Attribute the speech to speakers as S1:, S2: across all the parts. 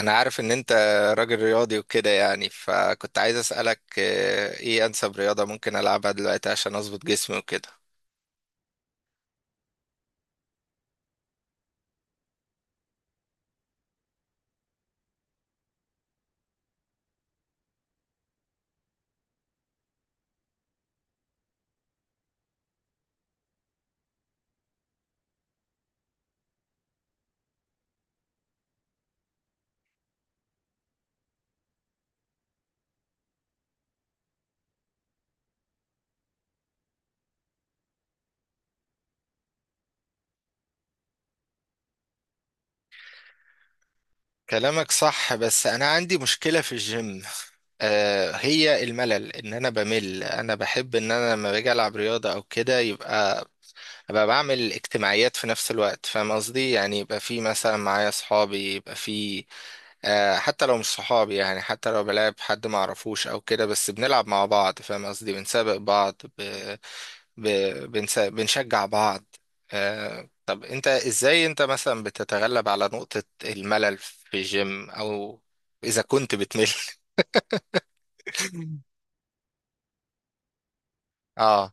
S1: انا عارف ان انت راجل رياضي وكده يعني فكنت عايز اسالك ايه انسب رياضه ممكن العبها دلوقتي عشان اظبط جسمي وكده. كلامك صح بس انا عندي مشكله في الجيم هي الملل، ان انا بمل. انا بحب ان انا لما باجي العب رياضه او كده يبقى ابقى بعمل اجتماعيات في نفس الوقت، فاهم قصدي؟ يعني يبقى في مثلا معايا صحابي، يبقى في حتى لو مش صحابي، يعني حتى لو بلعب حد ما اعرفوش او كده بس بنلعب مع بعض، فاهم قصدي؟ بنسابق بعض بنشجع بعض. طب انت ازاي انت مثلا بتتغلب على نقطة الملل في الجيم، او اذا كنت بتمل؟ اه،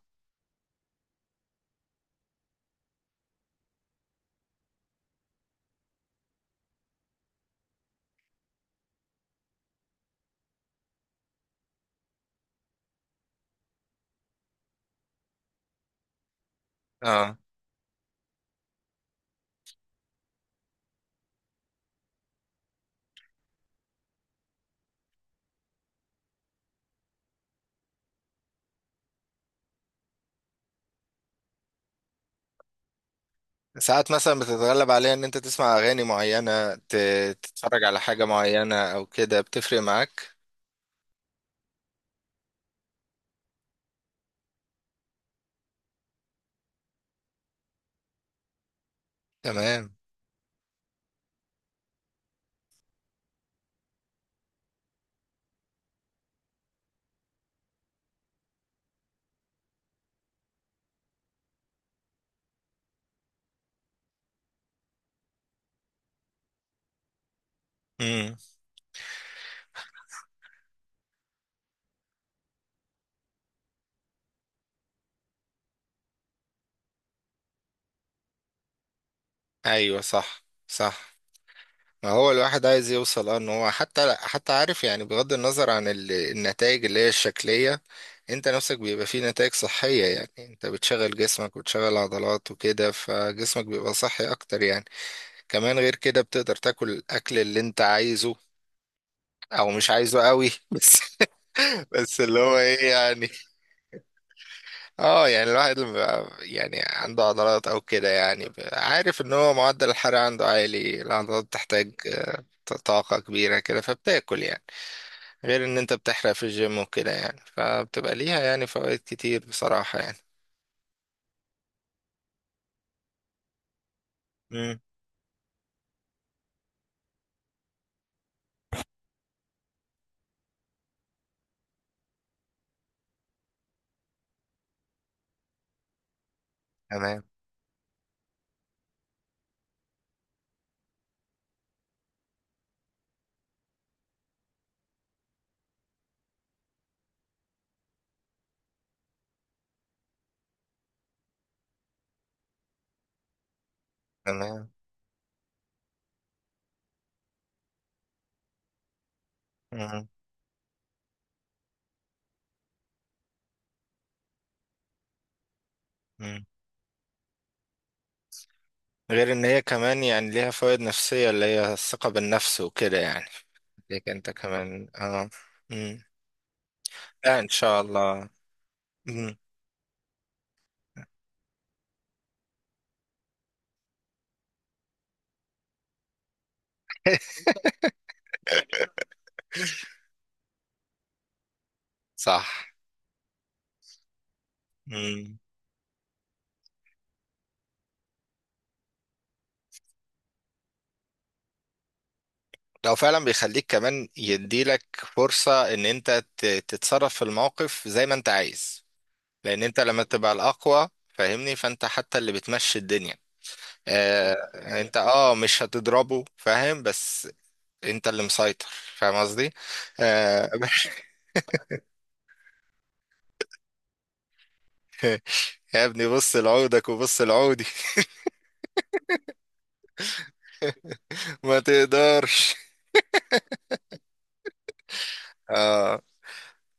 S1: اه. ساعات مثلا بتتغلب عليها ان انت تسمع اغاني معينة، تتفرج على حاجة معينة او كده؟ بتفرق معاك؟ تمام. امم. ايوه صح، صح. هو الواحد عايز يوصل، اه، ان هو حتى عارف يعني، بغض النظر عن النتائج اللي هي الشكلية، انت نفسك بيبقى فيه نتائج صحية. يعني انت بتشغل جسمك وتشغل عضلات وكده، فجسمك بيبقى صحي اكتر يعني. كمان غير كده بتقدر تاكل الاكل اللي انت عايزه او مش عايزه قوي. بس، بس اللي هو ايه يعني. اه، يعني الواحد لما بيبقى يعني عنده عضلات او كده، يعني بيبقى عارف ان هو معدل الحرق عنده عالي. العضلات بتحتاج طاقة كبيرة كده، فبتاكل يعني غير ان انت بتحرق في الجيم وكده، يعني فبتبقى ليها يعني فوائد كتير بصراحة يعني. مم. تمام، تمام. مم. مم. غير ان هي كمان يعني ليها فوائد نفسية، اللي هي الثقة بالنفس وكده، يعني ليك انت كمان. اه. مم. لا ان شاء الله. مم. صح. مم. لو فعلا بيخليك كمان يديلك فرصة ان انت تتصرف في الموقف زي ما انت عايز. لان انت لما تبقى الاقوى فاهمني، فانت حتى اللي بتمشي الدنيا. آه، انت اه مش هتضربه، فاهم؟ بس انت اللي مسيطر، فاهم قصدي؟ آه، يا ابني بص لعودك وبص لعودي. ما تقدرش. اه.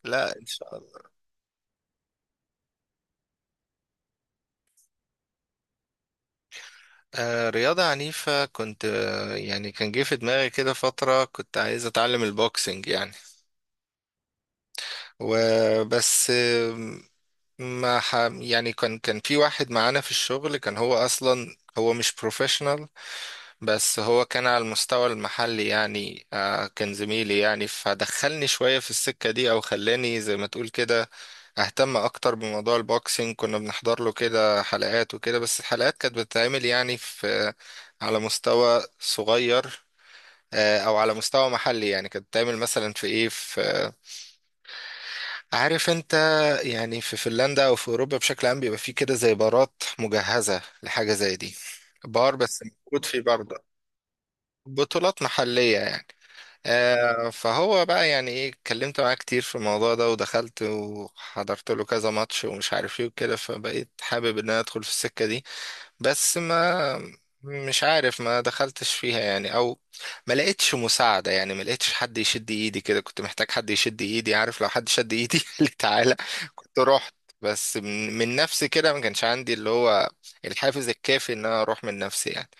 S1: لا ان شاء الله. رياضة عنيفة كنت يعني كان جه في دماغي كده فترة، كنت عايز اتعلم البوكسنج يعني. وبس آه، ما ح... يعني كان في واحد معانا في الشغل، كان هو اصلا هو مش بروفيشنال بس هو كان على المستوى المحلي يعني. كان زميلي يعني، فدخلني شوية في السكة دي، أو خلاني زي ما تقول كده أهتم أكتر بموضوع البوكسينج. كنا بنحضر له كده حلقات وكده، بس الحلقات كانت بتتعمل يعني في على مستوى صغير، أو على مستوى محلي يعني. كانت بتتعمل مثلا في إيه، في عارف أنت، يعني في فنلندا أو في أوروبا بشكل عام بيبقى فيه كده زي بارات مجهزة لحاجة زي دي. بار بس موجود فيه برضه بطولات محلية يعني. فهو بقى يعني ايه، اتكلمت معاه كتير في الموضوع ده، ودخلت وحضرت له كذا ماتش ومش عارف ايه وكده، فبقيت حابب ان انا ادخل في السكة دي. بس ما مش عارف، ما دخلتش فيها يعني، او ما لقيتش مساعدة يعني، ما لقيتش حد يشد ايدي كده، كنت محتاج حد يشد ايدي. عارف، لو حد شد ايدي قال لي تعالى كنت رحت، بس من نفسي كده ما كانش عندي اللي هو الحافز الكافي ان انا اروح من نفسي يعني.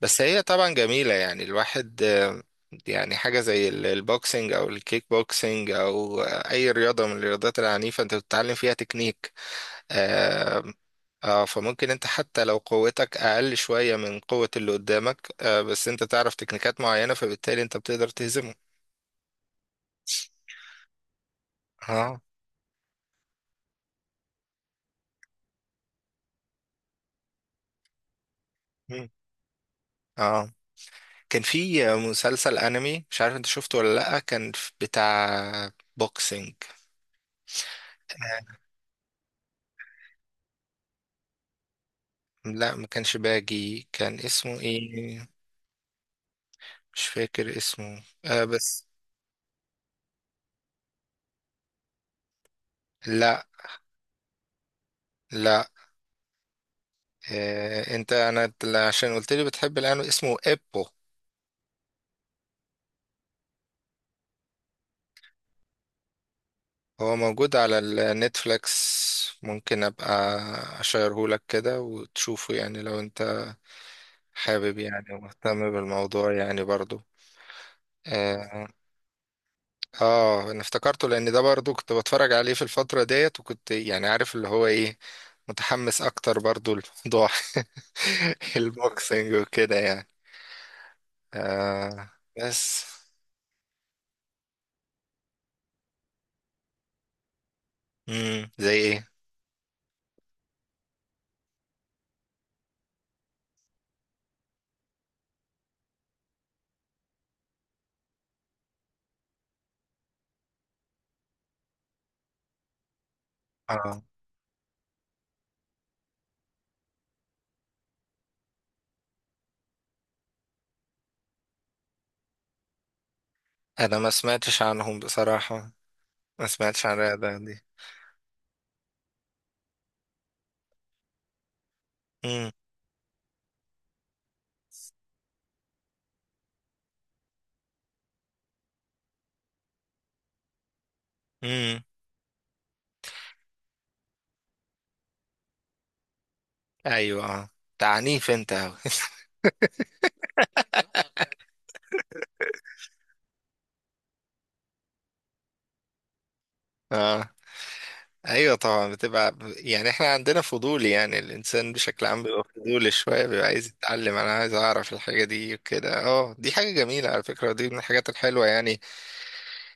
S1: بس هي طبعا جميلة يعني الواحد، يعني حاجة زي البوكسينج أو الكيك بوكسينج أو أي رياضة من الرياضات العنيفة أنت بتتعلم فيها تكنيك. آه، فممكن أنت حتى لو قوتك أقل شوية من قوة اللي قدامك، بس أنت تعرف تكنيكات معينة، فبالتالي أنت بتقدر تهزمه. اه. مم. اه. كان في مسلسل أنمي، مش عارف أنت شفته ولا لأ، كان بتاع بوكسينج. آه، لا ما كانش باجي، كان اسمه ايه، مش فاكر اسمه. آه بس لا لا آه انت انا عشان قلت لي بتحب الانمي، اسمه ايبو. هو موجود على النتفليكس، ممكن ابقى اشيره لك كده وتشوفه يعني لو انت حابب يعني ومهتم بالموضوع يعني برضو. اه. انا افتكرته لان ده برضو كنت بتفرج عليه في الفترة ديت، وكنت يعني عارف اللي هو ايه، متحمس اكتر برضو لموضوع البوكسنج وكده يعني. آه بس امم، زي ايه؟ اه. انا ما سمعتش عنهم بصراحة، ما سمعتش عن الرياضة دي. امم. امم. ايوه، اه. تعنيف انت أوي. اه، ايوه طبعا، بتبقى يعني احنا عندنا فضول يعني، الانسان بشكل عام بيبقى فضولي شوية، بيبقى عايز يتعلم، انا عايز اعرف الحاجة دي وكده. اه دي حاجة جميلة على فكرة، ودي من الحاجات الحلوة يعني،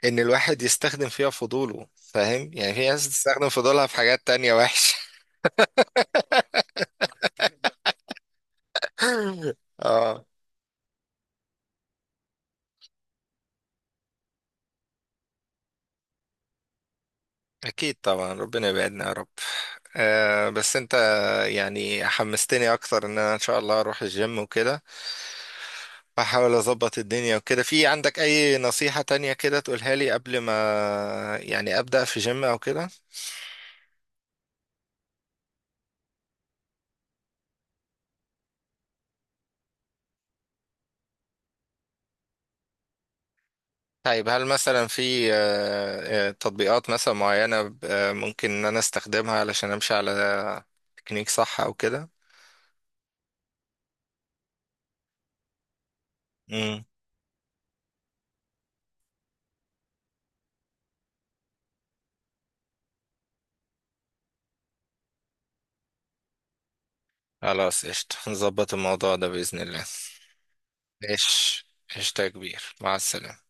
S1: ان الواحد يستخدم فيها فضوله، فاهم يعني؟ في ناس تستخدم فضولها في حاجات تانية وحشة. اه اكيد طبعا، ربنا يبعدنا يا رب. آه بس انت يعني حمستني اكتر ان انا ان شاء الله اروح الجيم وكده، واحاول اظبط الدنيا وكده. في عندك اي نصيحة تانية كده تقولها لي قبل ما يعني ابدأ في جيم او كده؟ طيب هل مثلا في تطبيقات مثلا معينة ممكن ان انا استخدمها علشان امشي على تكنيك صح او كده؟ امم. خلاص قشطة، نظبط الموضوع ده بإذن الله. ماشي. قشطة يا كبير، مع السلامة.